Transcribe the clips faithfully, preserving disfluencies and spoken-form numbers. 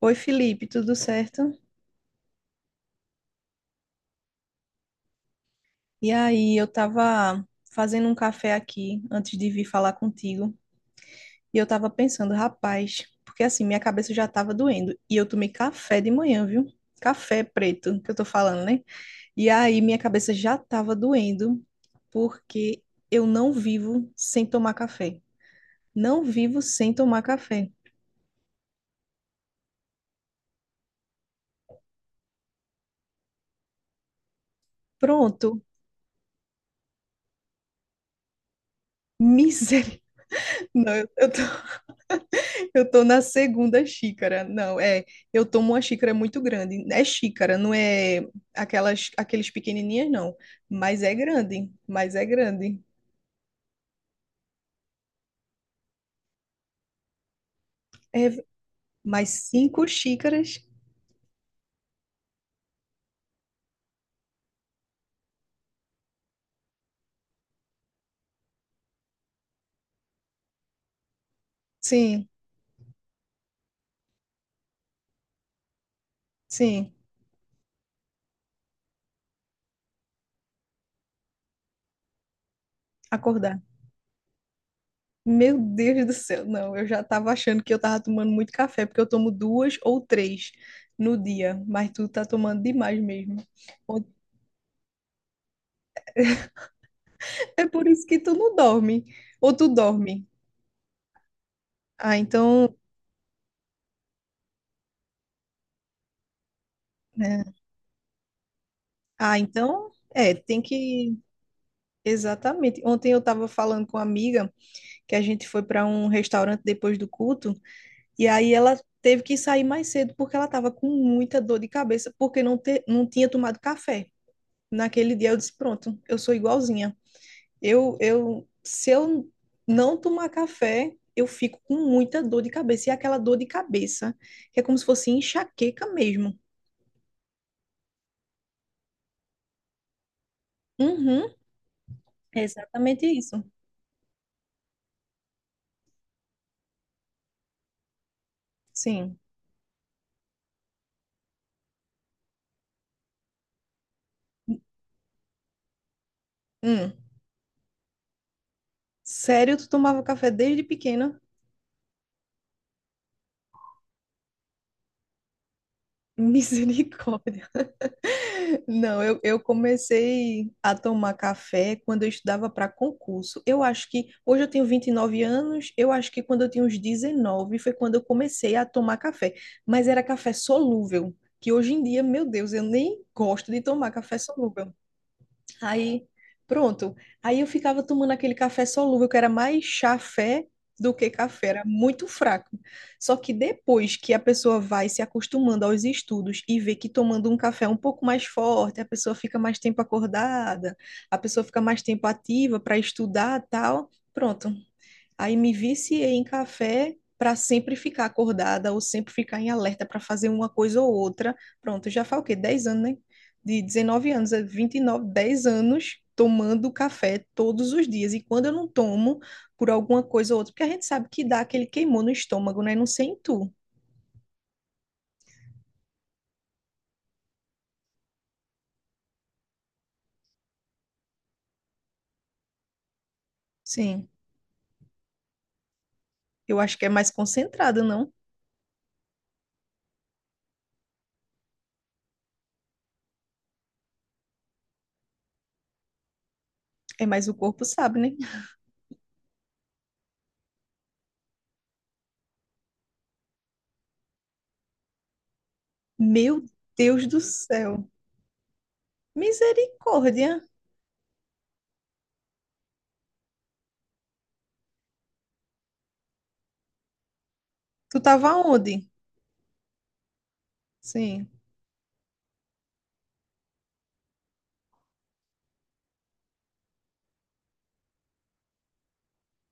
Oi, Felipe, tudo certo? E aí, eu tava fazendo um café aqui antes de vir falar contigo, e eu tava pensando, rapaz, porque assim, minha cabeça já tava doendo, e eu tomei café de manhã, viu? Café preto, que eu tô falando, né? E aí, minha cabeça já tava doendo, porque eu não vivo sem tomar café. Não vivo sem tomar café. Pronto, misericórdia. Não, eu eu tô Eu tô na segunda xícara. Não, é, eu tomo uma xícara muito grande. É xícara, não é aquelas aqueles pequenininhas não, mas é grande, mas é grande. É mais cinco xícaras. Sim, sim, acordar. Meu Deus do céu, não, eu já tava achando que eu tava tomando muito café, porque eu tomo duas ou três no dia, mas tu tá tomando demais mesmo. É por isso que tu não dorme, ou tu dorme. Ah, então, né? Ah, então, é, tem que. Exatamente. Ontem eu estava falando com uma amiga que a gente foi para um restaurante depois do culto, e aí ela teve que sair mais cedo porque ela estava com muita dor de cabeça porque não, te, não tinha tomado café. Naquele dia eu disse: Pronto, eu sou igualzinha. Eu, eu, se eu não tomar café, eu fico com muita dor de cabeça. E é aquela dor de cabeça, que é como se fosse enxaqueca mesmo. Uhum, é exatamente isso. Sim. Hum. Sério, tu tomava café desde pequena? Misericórdia. Não, eu, eu comecei a tomar café quando eu estudava para concurso. Eu acho que hoje eu tenho vinte e nove anos, eu acho que quando eu tinha uns dezenove foi quando eu comecei a tomar café, mas era café solúvel, que hoje em dia, meu Deus, eu nem gosto de tomar café solúvel. Aí, pronto. Aí eu ficava tomando aquele café solúvel, que era mais chafé do que café, era muito fraco. Só que depois que a pessoa vai se acostumando aos estudos e vê que tomando um café é um pouco mais forte, a pessoa fica mais tempo acordada, a pessoa fica mais tempo ativa para estudar, tal, pronto. Aí me viciei em café para sempre ficar acordada ou sempre ficar em alerta para fazer uma coisa ou outra. Pronto, já faz o quê? Dez anos, né? De dezenove anos a vinte e nove, dez anos tomando café todos os dias. E quando eu não tomo, por alguma coisa ou outra, porque a gente sabe que dá aquele queimou no estômago, né? Não sei em tu. Sim, eu acho que é mais concentrado, não? É mais o corpo sabe, né? Meu Deus do céu. Misericórdia. Tu tava onde? Sim.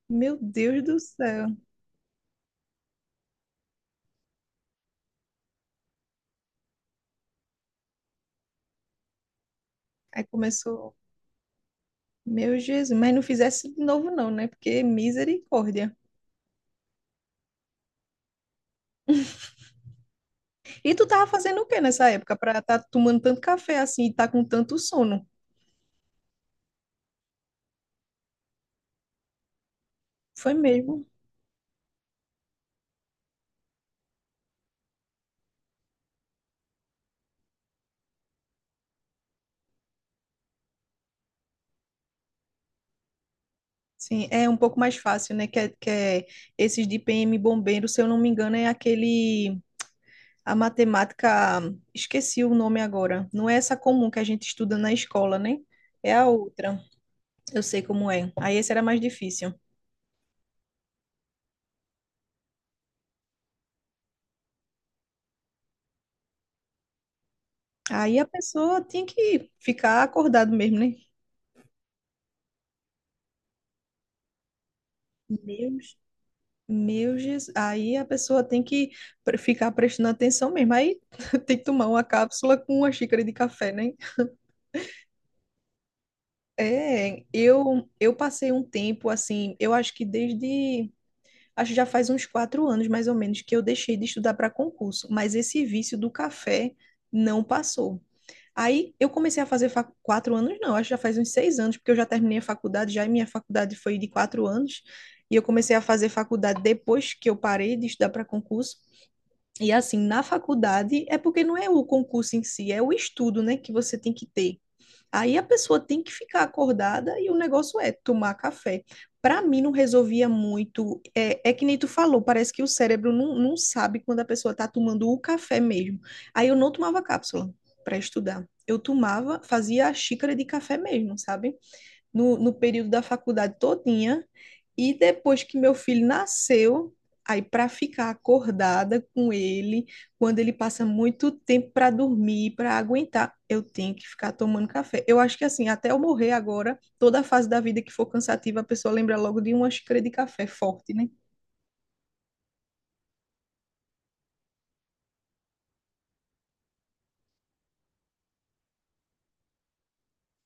Meu Deus do céu. Aí começou, meu Jesus, mas não fizesse de novo não, né? Porque misericórdia. E tu tava fazendo o que nessa época para tá tomando tanto café assim e tá com tanto sono? Foi mesmo. Sim, é um pouco mais fácil, né? Que é, que é esses de P M bombeiro, se eu não me engano, é aquele a matemática, esqueci o nome agora. Não é essa comum que a gente estuda na escola, né? É a outra. Eu sei como é. Aí esse era mais difícil. Aí a pessoa tinha que ficar acordado mesmo, né? Meu Meu Jesus, aí a pessoa tem que pre- ficar prestando atenção mesmo. Aí tem que tomar uma cápsula com uma xícara de café, né? É, eu eu passei um tempo assim, eu acho que desde, acho que já faz uns quatro anos mais ou menos que eu deixei de estudar para concurso, mas esse vício do café não passou. Aí eu comecei a fazer fac... quatro anos, não, acho que já faz uns seis anos, porque eu já terminei a faculdade, já e minha faculdade foi de quatro anos, e eu comecei a fazer faculdade depois que eu parei de estudar para concurso. E assim, na faculdade, é porque não é o concurso em si, é o estudo, né, que você tem que ter. Aí a pessoa tem que ficar acordada e o negócio é tomar café. Para mim, não resolvia muito. É, é que nem tu falou, parece que o cérebro não, não sabe quando a pessoa está tomando o café mesmo. Aí eu não tomava cápsula para estudar. Eu tomava, fazia a xícara de café mesmo, sabe? no, no período da faculdade todinha. E depois que meu filho nasceu, aí para ficar acordada com ele, quando ele passa muito tempo para dormir, para aguentar, eu tenho que ficar tomando café. Eu acho que assim, até eu morrer agora, toda a fase da vida que for cansativa, a pessoa lembra logo de uma xícara de café forte, né?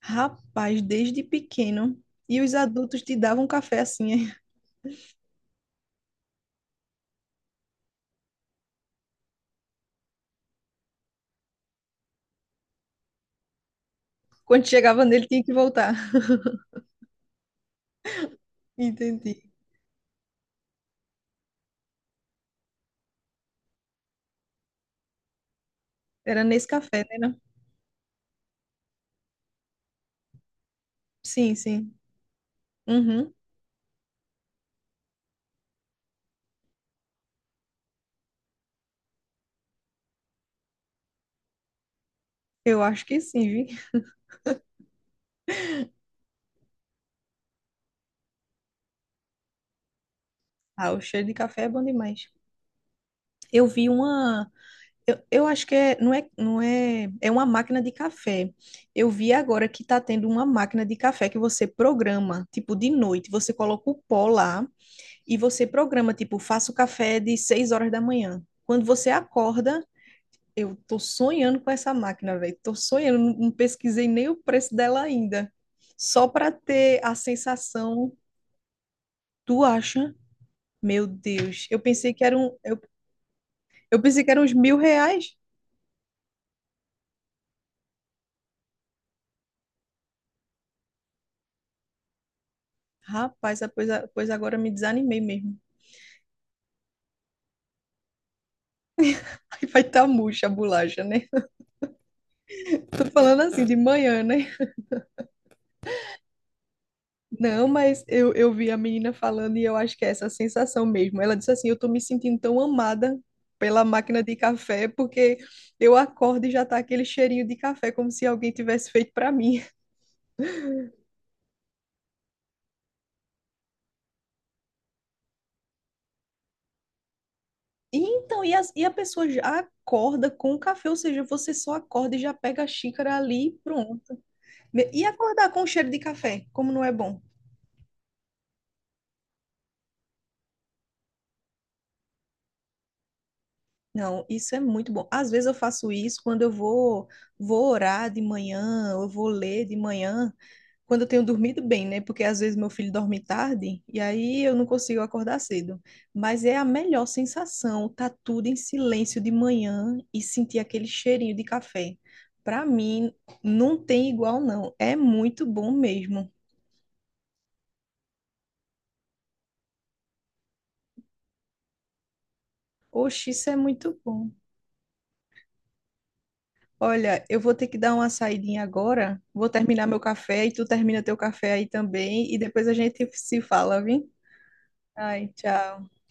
Rapaz, desde pequeno. E os adultos te davam café assim, hein? Quando chegava nele, tinha que voltar. Entendi. Era nesse café, né? não? Sim, sim. Uhum. Eu acho que sim, vi. Ah, o cheiro de café é bom demais. Eu vi uma. Eu, eu acho que é, não é, não é, é uma máquina de café. Eu vi agora que tá tendo uma máquina de café que você programa, tipo, de noite. Você coloca o pó lá e você programa, tipo, faça o café de seis horas da manhã. Quando você acorda, eu tô sonhando com essa máquina, velho. Tô sonhando, não não pesquisei nem o preço dela ainda. Só para ter a sensação, tu acha? Meu Deus, eu pensei que era um, Eu pensei que eram uns mil reais. Rapaz, ah, pois, a- pois agora me desanimei mesmo. Aí vai estar murcha a bolacha, né? Tô falando assim de manhã, né? Não, mas eu, eu vi a menina falando e eu acho que é essa sensação mesmo. Ela disse assim: Eu tô me sentindo tão amada pela máquina de café, porque eu acordo e já tá aquele cheirinho de café, como se alguém tivesse feito pra mim. E então, e, as- e a pessoa já acorda com o café, ou seja, você só acorda e já pega a xícara ali e pronto. E acordar com o cheiro de café, como não é bom? Não, isso é muito bom. Às vezes eu faço isso quando eu vou, vou orar de manhã, ou eu vou ler de manhã, quando eu tenho dormido bem, né? Porque às vezes meu filho dorme tarde e aí eu não consigo acordar cedo. Mas é a melhor sensação, tá tudo em silêncio de manhã e sentir aquele cheirinho de café. Para mim, não tem igual, não. É muito bom mesmo. Oxe, isso é muito bom. Olha, eu vou ter que dar uma saidinha agora. Vou terminar meu café e tu termina teu café aí também. E depois a gente se fala, viu? Ai, tchau.